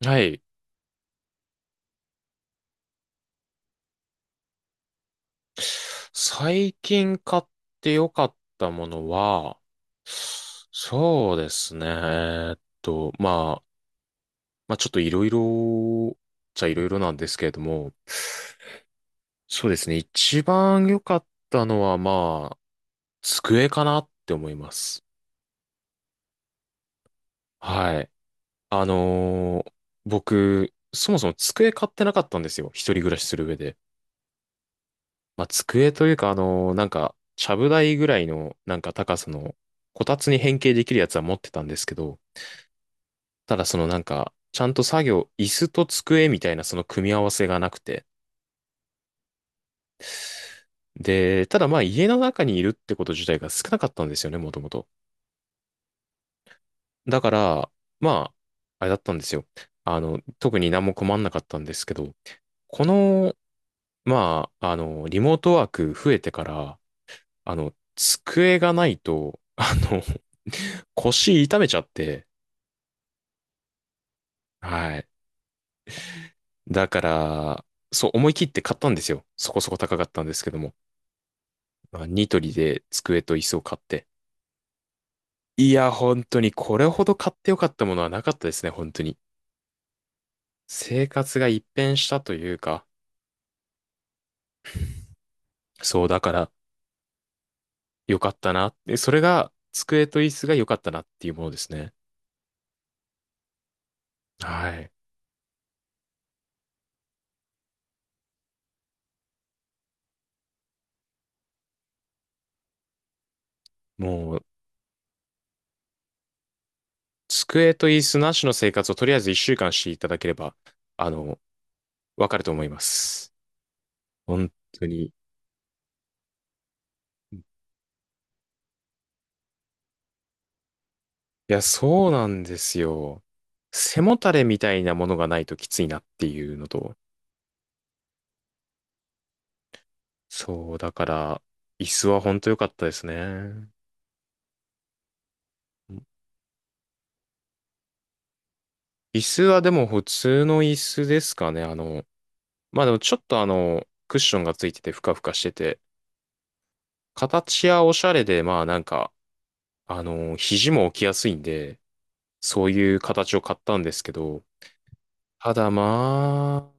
はい。最近買って良かったものは、そうですね。まあ、まあちょっといろいろ、じゃいろいろなんですけれども、そうですね。一番良かったのは、まあ、机かなって思います。はい。あのー僕、そもそも机買ってなかったんですよ。一人暮らしする上で。まあ、机というか、なんか、ちゃぶ台ぐらいの、なんか高さの、こたつに変形できるやつは持ってたんですけど、ただそのなんか、ちゃんと作業、椅子と机みたいなその組み合わせがなくて。で、ただまあ家の中にいるってこと自体が少なかったんですよね、もともと。だから、まあ、あれだったんですよ。特に何も困んなかったんですけど、この、まあ、リモートワーク増えてから、机がないと、腰痛めちゃって、はい。だから、そう思い切って買ったんですよ。そこそこ高かったんですけども。まあニトリで机と椅子を買って。いや、本当にこれほど買ってよかったものはなかったですね、本当に。生活が一変したというか、そうだからよかったな。でそれが机と椅子が良かったなっていうものですね。はい。もう、机と椅子なしの生活をとりあえず一週間していただければ、あの、わかると思います。本当に。いや、そうなんですよ。背もたれみたいなものがないときついなっていうのと。そう、だから、椅子は本当良かったですね。椅子はでも普通の椅子ですかね。まあでもちょっとクッションがついててふかふかしてて、形やおしゃれで、まあなんか、肘も置きやすいんで、そういう形を買ったんですけど、ただま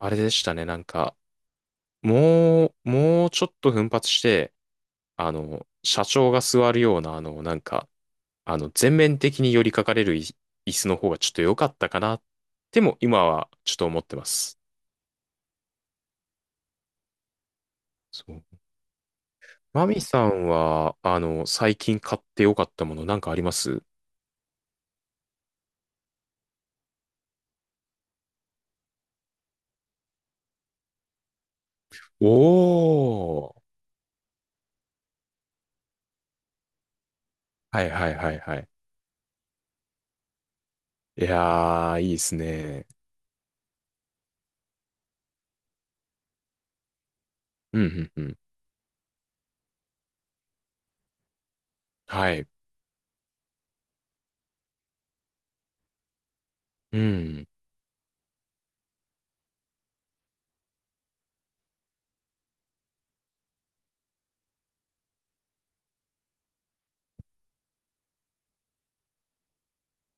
あ、あれでしたね。なんか、もうちょっと奮発して、社長が座るような、なんか、全面的に寄りかかれるい椅子の方がちょっと良かったかな、でも今はちょっと思ってます。そう。マミさんは、最近買って良かったものなんかありますおー。はいはいはいはい。いやー、いいですね。うんうんうん。はい。うん。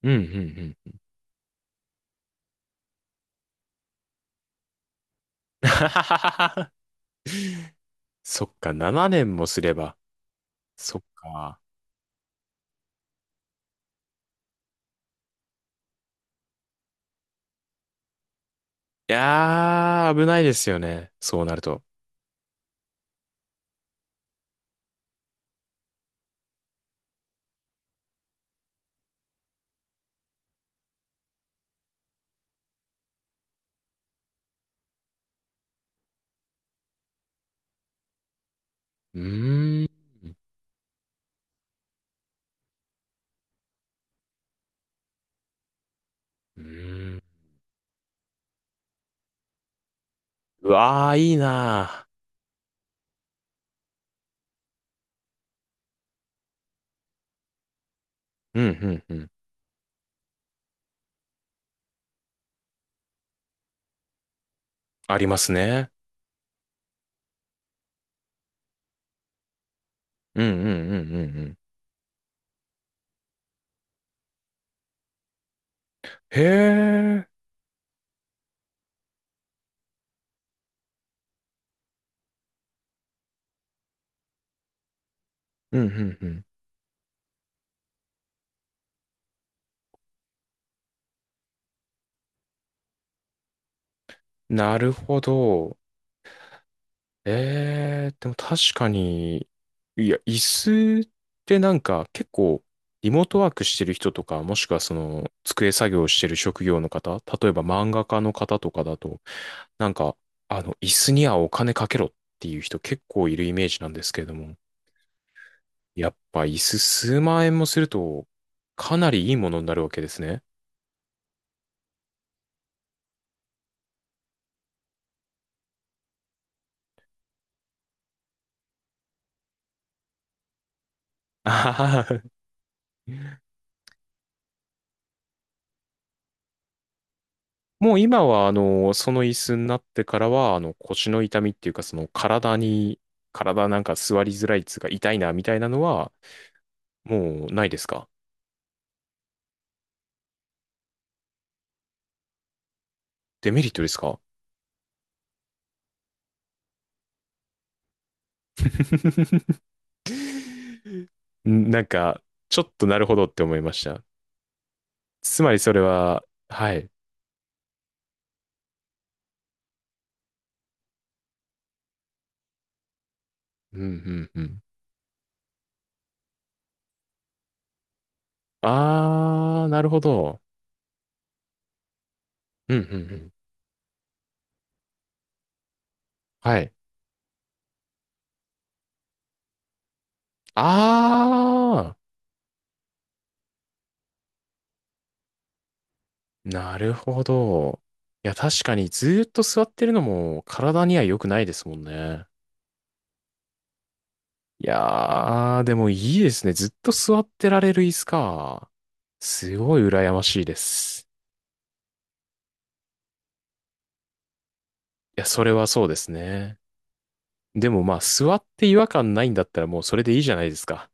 うんうんうん。そっか、7年もすれば。そっか。いやー、危ないですよね。そうなると。うーん。うーん。うわー、いいなー。うん、うん、うん。ありますね。うん、うん、うん、うん。うんへー。うん、うん、うん。なるほど。でも確かに、いや、椅子ってなんか結構、リモートワークしてる人とか、もしくはその、机作業してる職業の方、例えば漫画家の方とかだと、なんか、椅子にはお金かけろっていう人結構いるイメージなんですけれども、やっぱ椅子数万円もすると、かなりいいものになるわけですね。あははもう今は、その椅子になってからは、腰の痛みっていうか、その体なんか座りづらいっつうか痛いなみたいなのは、もうないですか？デメリットですか？ なんか、ちょっとなるほどって思いました。つまりそれは、はい。うん、うん、うん。あー、なるほど。うん、うん、うん。はい。あー、なるほど。いや、確かにずーっと座ってるのも体には良くないですもんね。いやー、でもいいですね。ずっと座ってられる椅子か。すごい羨ましいです。いや、それはそうですね。でもまあ、座って違和感ないんだったらもうそれでいいじゃないですか。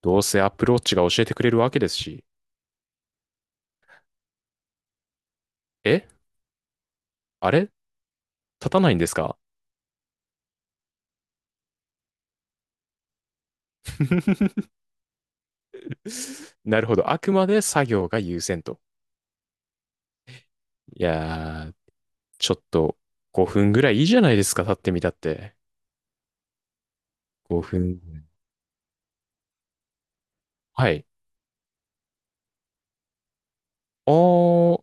どうせアップローチが教えてくれるわけですし。え、あれ立たないんですか？ なるほど。あくまで作業が優先と。いやー、ちょっと5分ぐらいいいじゃないですか。立ってみたって。5分。はい。あー、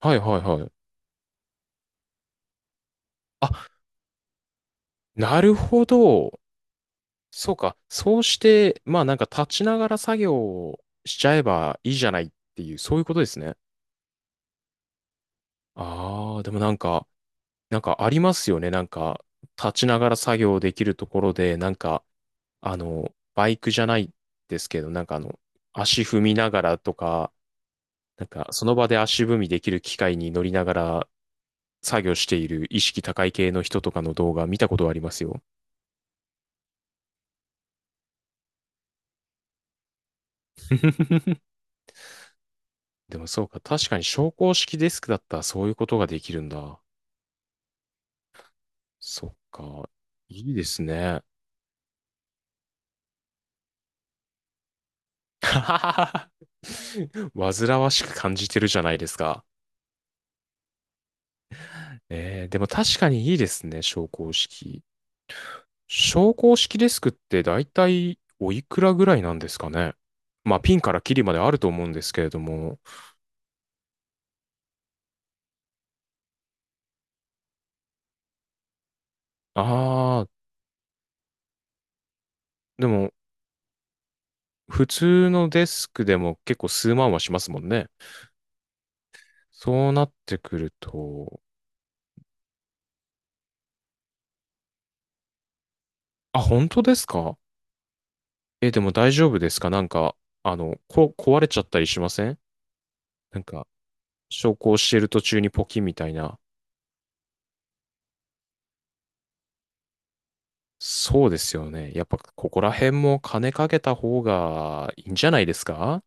はいはいはい。あ、なるほど。そうか。そうして、まあなんか立ちながら作業をしちゃえばいいじゃないっていう、そういうことですね。あー、でもなんか、なんかありますよね。なんか、立ちながら作業できるところで、なんか、バイクじゃないですけど、なんか足踏みながらとか、なんかその場で足踏みできる機械に乗りながら作業している意識高い系の人とかの動画見たことはありますよ。でもそうか、確かに昇降式デスクだったらそういうことができるんだ。そっか、いいですね。煩わしく感じてるじゃないですか。でも確かにいいですね、昇降式。昇降式デスクって大体おいくらぐらいなんですかね。まあ、ピンからキリまであると思うんですけれども。ああ、でも、普通のデスクでも結構数万はしますもんね。そうなってくると、あ、本当ですか？え、でも大丈夫ですか？なんか、壊れちゃったりしません？なんか、昇降してる途中にポキみたいな。そうですよね。やっぱここら辺も金かけた方がいいんじゃないですか？